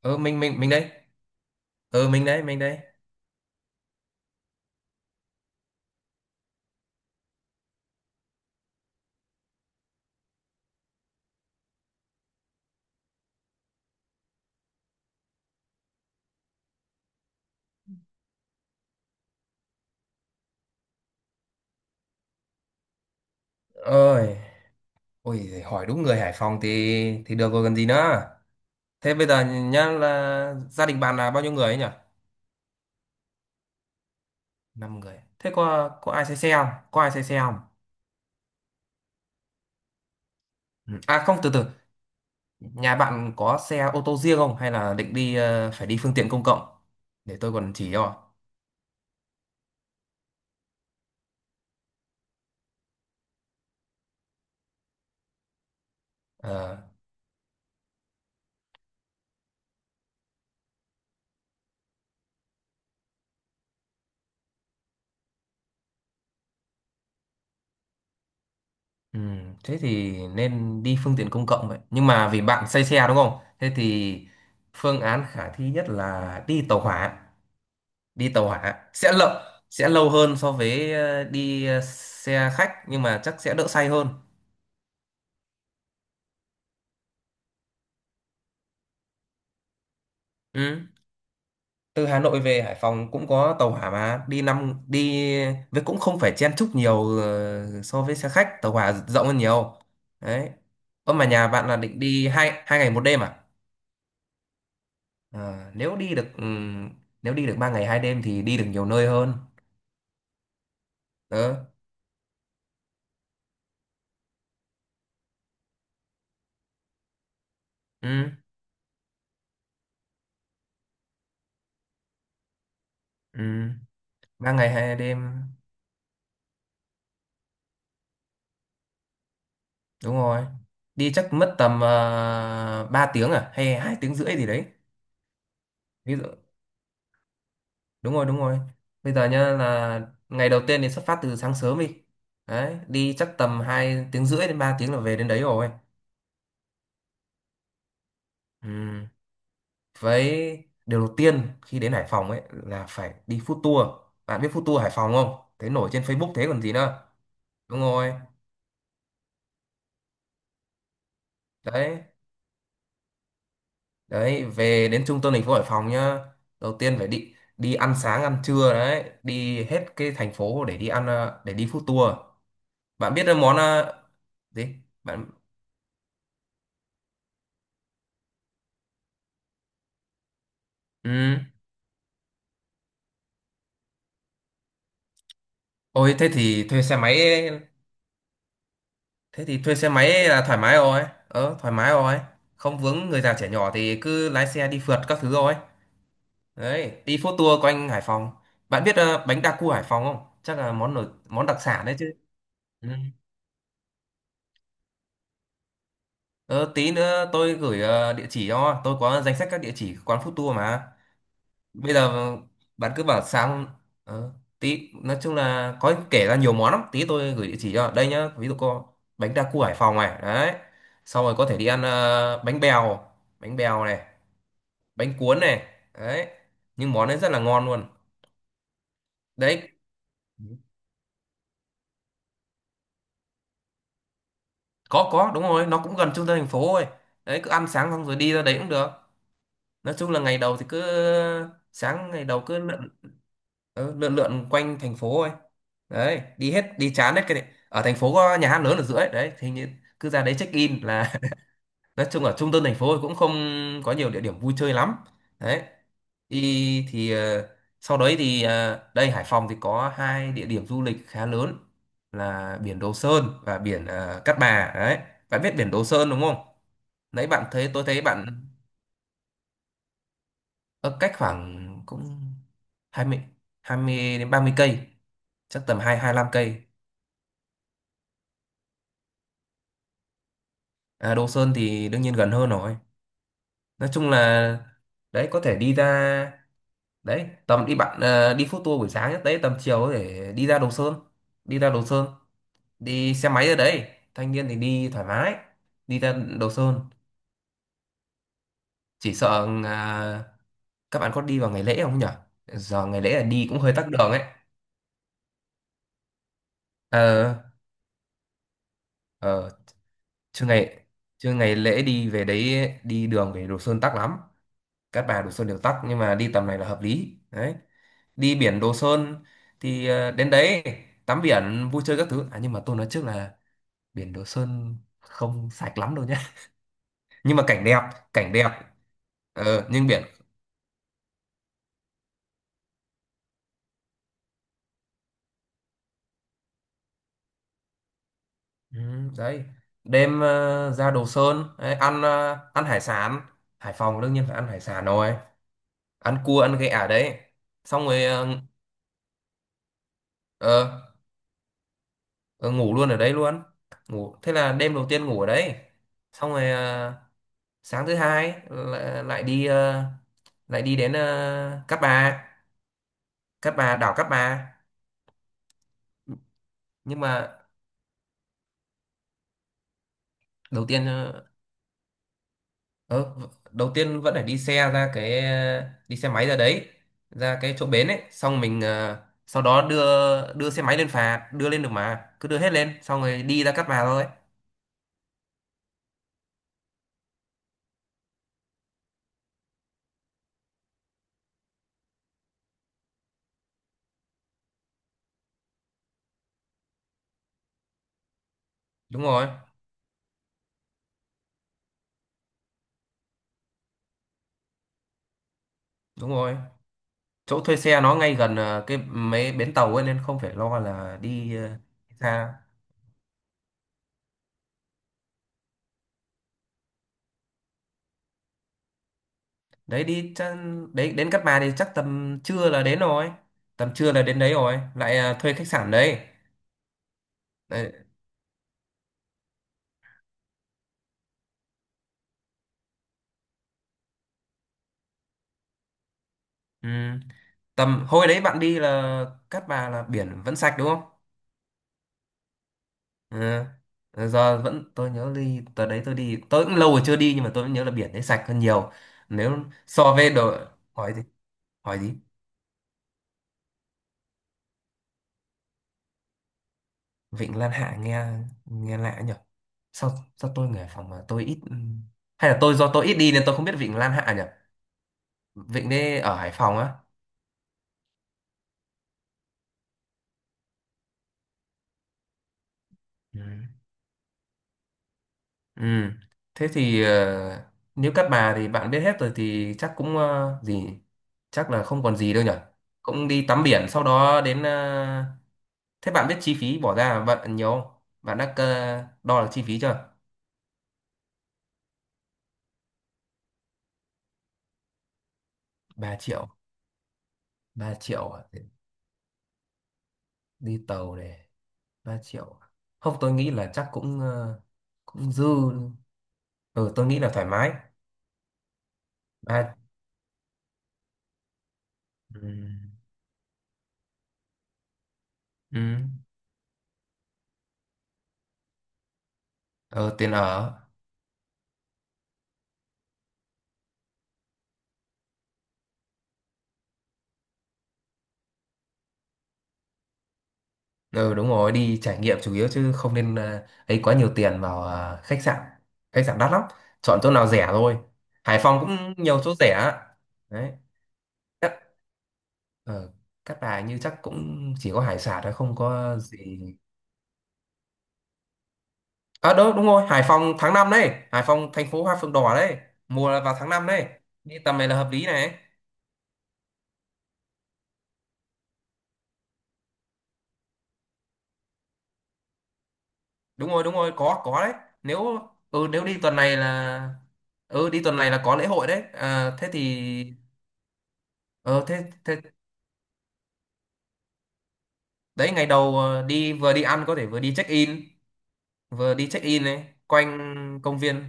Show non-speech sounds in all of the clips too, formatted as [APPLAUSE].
Mình đây. Mình đấy, mình đây. Ôi ôi hỏi đúng người Hải Phòng thì được rồi còn gì nữa. Thế bây giờ nhá, là gia đình bạn là bao nhiêu người ấy nhỉ? 5 người. Thế có ai xe xe không, có ai xe xe không? Ừ. Không, từ từ. Nhà bạn có xe ô tô riêng không hay là định đi, phải đi phương tiện công cộng để tôi còn chỉ cho? Ờ, ừ, thế thì nên đi phương tiện công cộng vậy, nhưng mà vì bạn say xe đúng không, thế thì phương án khả thi nhất là đi tàu hỏa. Đi tàu hỏa sẽ lâu, sẽ lâu hơn so với đi xe khách, nhưng mà chắc sẽ đỡ say hơn. Ừ. Từ Hà Nội về Hải Phòng cũng có tàu hỏa mà đi năm đi. Với cũng không phải chen chúc nhiều, so với xe khách tàu hỏa rộng hơn nhiều đấy. Ơ mà nhà bạn là định đi hai hai ngày một đêm à? Ờ, nếu đi được, nếu đi được 3 ngày 2 đêm thì đi được nhiều nơi hơn. Ờ, ừ, ừ. 3 ngày 2 đêm. Đúng rồi, đi chắc mất tầm 3 tiếng à hay 2 tiếng rưỡi gì đấy. Ví dụ. Đúng rồi, đúng rồi. Bây giờ nhá là ngày đầu tiên thì xuất phát từ sáng sớm đi. Đấy đi chắc tầm 2 tiếng rưỡi đến 3 tiếng là về đến đấy rồi. Ừ. Với điều đầu tiên khi đến Hải Phòng ấy là phải đi food tour. Bạn biết food tour Hải Phòng không, thấy nổi trên Facebook thế còn gì nữa. Đúng rồi đấy. Đấy về đến trung tâm thành phố Hải Phòng nhá. Đầu tiên phải đi đi ăn sáng ăn trưa, đấy đi hết cái thành phố để đi ăn, để đi food tour. Bạn biết cái món, gì bạn? Ừ. Ôi thế thì thuê xe máy. Thế thì thuê xe máy là thoải mái rồi, thoải mái rồi. Không vướng người già trẻ nhỏ thì cứ lái xe đi phượt các thứ rồi. Đấy đi food tour quanh Hải Phòng. Bạn biết, bánh đa cua Hải Phòng không, chắc là món nổi, món đặc sản đấy chứ? Ừ. Ờ, tí nữa tôi gửi, địa chỉ, cho tôi có danh sách các địa chỉ quán food tour mà. Bây giờ bạn cứ bảo sáng, ờ, tí nói chung là có kể ra nhiều món lắm, tí tôi gửi địa chỉ cho đây nhá, ví dụ có: bánh đa cua Hải Phòng này đấy. Xong rồi có thể đi ăn, bánh bèo, bánh bèo này, bánh cuốn này đấy. Nhưng món đấy rất là ngon luôn. Đấy. Có, đúng rồi, nó cũng gần trung tâm thành phố thôi. Đấy cứ ăn sáng xong rồi đi ra đấy cũng được. Nói chung là ngày đầu thì cứ, sáng ngày đầu cứ lượn. Ừ, lượn lượn quanh thành phố ấy. Đấy đi hết, đi chán hết cái này. Ở thành phố có nhà hát lớn ở giữa ấy, đấy thì như cứ ra đấy check in là. [LAUGHS] Nói chung ở trung tâm thành phố thì cũng không có nhiều địa điểm vui chơi lắm. Đấy đi thì, sau đấy thì, đây Hải Phòng thì có hai địa điểm du lịch khá lớn, là biển Đồ Sơn và biển, Cát Bà đấy. Bạn biết biển Đồ Sơn đúng không? Nãy bạn thấy, tôi thấy bạn ở cách khoảng cũng hai mươi 20 đến 30 cây. Chắc tầm 2 lăm cây. À, Đồ Sơn thì đương nhiên gần hơn rồi. Nói chung là đấy có thể đi ra đấy, tầm đi bạn, đi food tour buổi sáng nhất đấy, tầm chiều có thể đi ra Đồ Sơn, đi ra Đồ Sơn. Đi xe máy ở đấy, thanh niên thì đi thoải mái, đi ra Đồ Sơn. Chỉ sợ, các bạn có đi vào ngày lễ không nhỉ? Giờ ngày lễ là đi cũng hơi tắc đường ấy. ờ ờ chưa ngày Chưa ngày lễ, đi về đấy, đi đường về Đồ Sơn tắc lắm. Cát Bà Đồ Sơn đều tắc nhưng mà đi tầm này là hợp lý đấy. Đi biển Đồ Sơn thì, đến đấy tắm biển vui chơi các thứ, à nhưng mà tôi nói trước là biển Đồ Sơn không sạch lắm đâu nhé. [LAUGHS] Nhưng mà cảnh đẹp, cảnh đẹp, nhưng biển. Ừ, đấy đêm, ra Đồ Sơn đấy, ăn, ăn hải sản. Hải Phòng đương nhiên phải ăn hải sản rồi. Ăn cua ăn ghẹ ở đấy. Xong rồi, ờ, ờ, ngủ luôn ở đấy luôn. Ngủ, thế là đêm đầu tiên ngủ ở đấy. Xong rồi, sáng thứ hai lại đi, đến, Cát Bà. Cát Bà, đảo Cát Bà. Nhưng mà đầu tiên, ờ, đầu tiên vẫn phải đi xe ra cái, đi xe máy ra đấy. Ra cái chỗ bến ấy, xong mình, sau đó đưa. Đưa xe máy lên phà, đưa lên được mà cứ đưa hết lên, xong rồi đi ra Cát Bà thôi. Đúng rồi, đúng rồi. Chỗ thuê xe nó ngay gần, cái mấy bến tàu ấy nên không phải lo là đi, xa. đấy đi chắc, Đấy đến Cát Bà thì chắc tầm trưa là đến rồi. Tầm trưa là đến đấy rồi, lại, thuê khách sạn đấy, đấy. Ừ. Tầm hồi đấy bạn đi là Cát Bà là biển vẫn sạch đúng không? Ừ. Ờ, giờ vẫn tôi nhớ, đi tới đấy, tôi đi tôi cũng lâu rồi chưa đi, nhưng mà tôi vẫn nhớ là biển đấy sạch hơn nhiều. Nếu so với đồ. Hỏi gì? Hỏi gì? Vịnh Lan Hạ nghe nghe lạ nhỉ. Sao Sao tôi người Hải Phòng mà tôi ít. Hay là tôi, do tôi ít đi nên tôi không biết Vịnh Lan Hạ nhỉ? Vịnh đấy ở Hải Phòng á? Ừ. Ừ. Thế thì, nếu các bà thì bạn biết hết rồi thì chắc cũng, gì. Chắc là không còn gì đâu nhỉ. Cũng đi tắm biển sau đó đến, thế bạn biết chi phí bỏ ra bạn nhiều không? Bạn đã, đo được chi phí chưa? 3 triệu? 3 triệu à? Để đi tàu này, 3 triệu à? Không, tôi nghĩ là chắc cũng, cũng dư. Ừ, tôi nghĩ là thoải mái. Ba. Ừ. Ừ. Ờ, tiền ở. Ừ, đúng rồi, đi trải nghiệm chủ yếu chứ không nên, ấy quá nhiều tiền vào, khách sạn. Khách sạn đắt lắm. Chọn chỗ nào rẻ thôi. Hải Phòng cũng nhiều chỗ rẻ á. Đấy. Cát, ờ, Cát Bà như chắc cũng chỉ có hải sản thôi không có gì. À, đúng đúng rồi, Hải Phòng tháng 5 đấy, Hải Phòng thành phố hoa phượng đỏ đấy. Mùa là vào tháng 5 đấy. Đi tầm này là hợp lý này. Đúng rồi, đúng rồi, có đấy. nếu ừ, nếu đi tuần này là. Ừ, đi tuần này là có lễ hội đấy, thế thì. Ờ thế thế Đấy ngày đầu, đi vừa đi ăn có thể vừa đi check in. Vừa đi check in ấy, quanh công viên.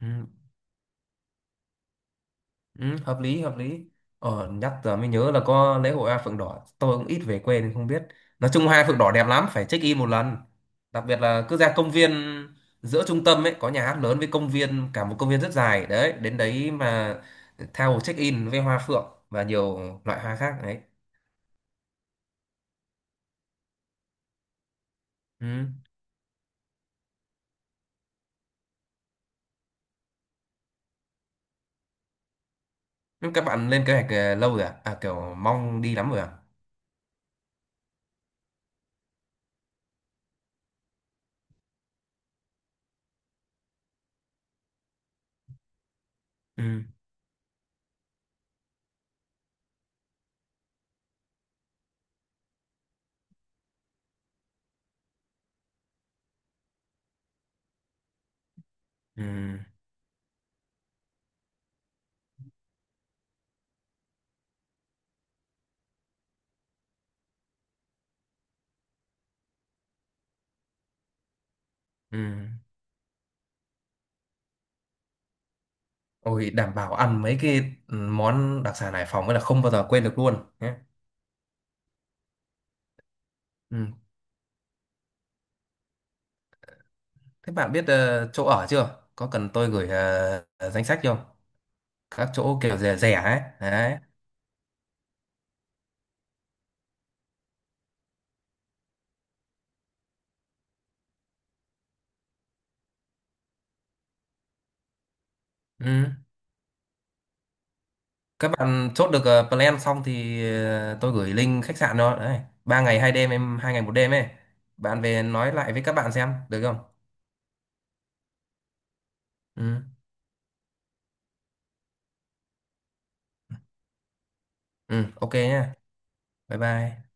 Ừ. Ừ, hợp lý, hợp lý. Nhắc giờ mới nhớ là có lễ hội hoa phượng đỏ, tôi cũng ít về quê nên không biết. Nói chung hoa phượng đỏ đẹp lắm, phải check in một lần. Đặc biệt là cứ ra công viên giữa trung tâm ấy, có nhà hát lớn với công viên, cả một công viên rất dài đấy, đến đấy mà theo check in với hoa phượng và nhiều loại hoa khác đấy. Ừ. Nhưng các bạn lên kế hoạch, lâu rồi à? Kiểu mong đi lắm rồi à? Ừ. Ừ. Ừ. Ôi đảm bảo ăn mấy cái, món đặc sản Hải Phòng ấy là không bao giờ quên được luôn nhé. Ừ. Thế bạn biết, chỗ ở chưa? Có cần tôi gửi, danh sách không? Các chỗ kiểu rẻ rẻ ấy. Đấy. Ừ. Các bạn chốt được, plan xong thì, tôi gửi link khách sạn đó. Đấy. 3 ngày 2 đêm, em 2 ngày 1 đêm ấy. Bạn về nói lại với các bạn xem được không? Ừ. Ừ. Ok nhá. Bye bye.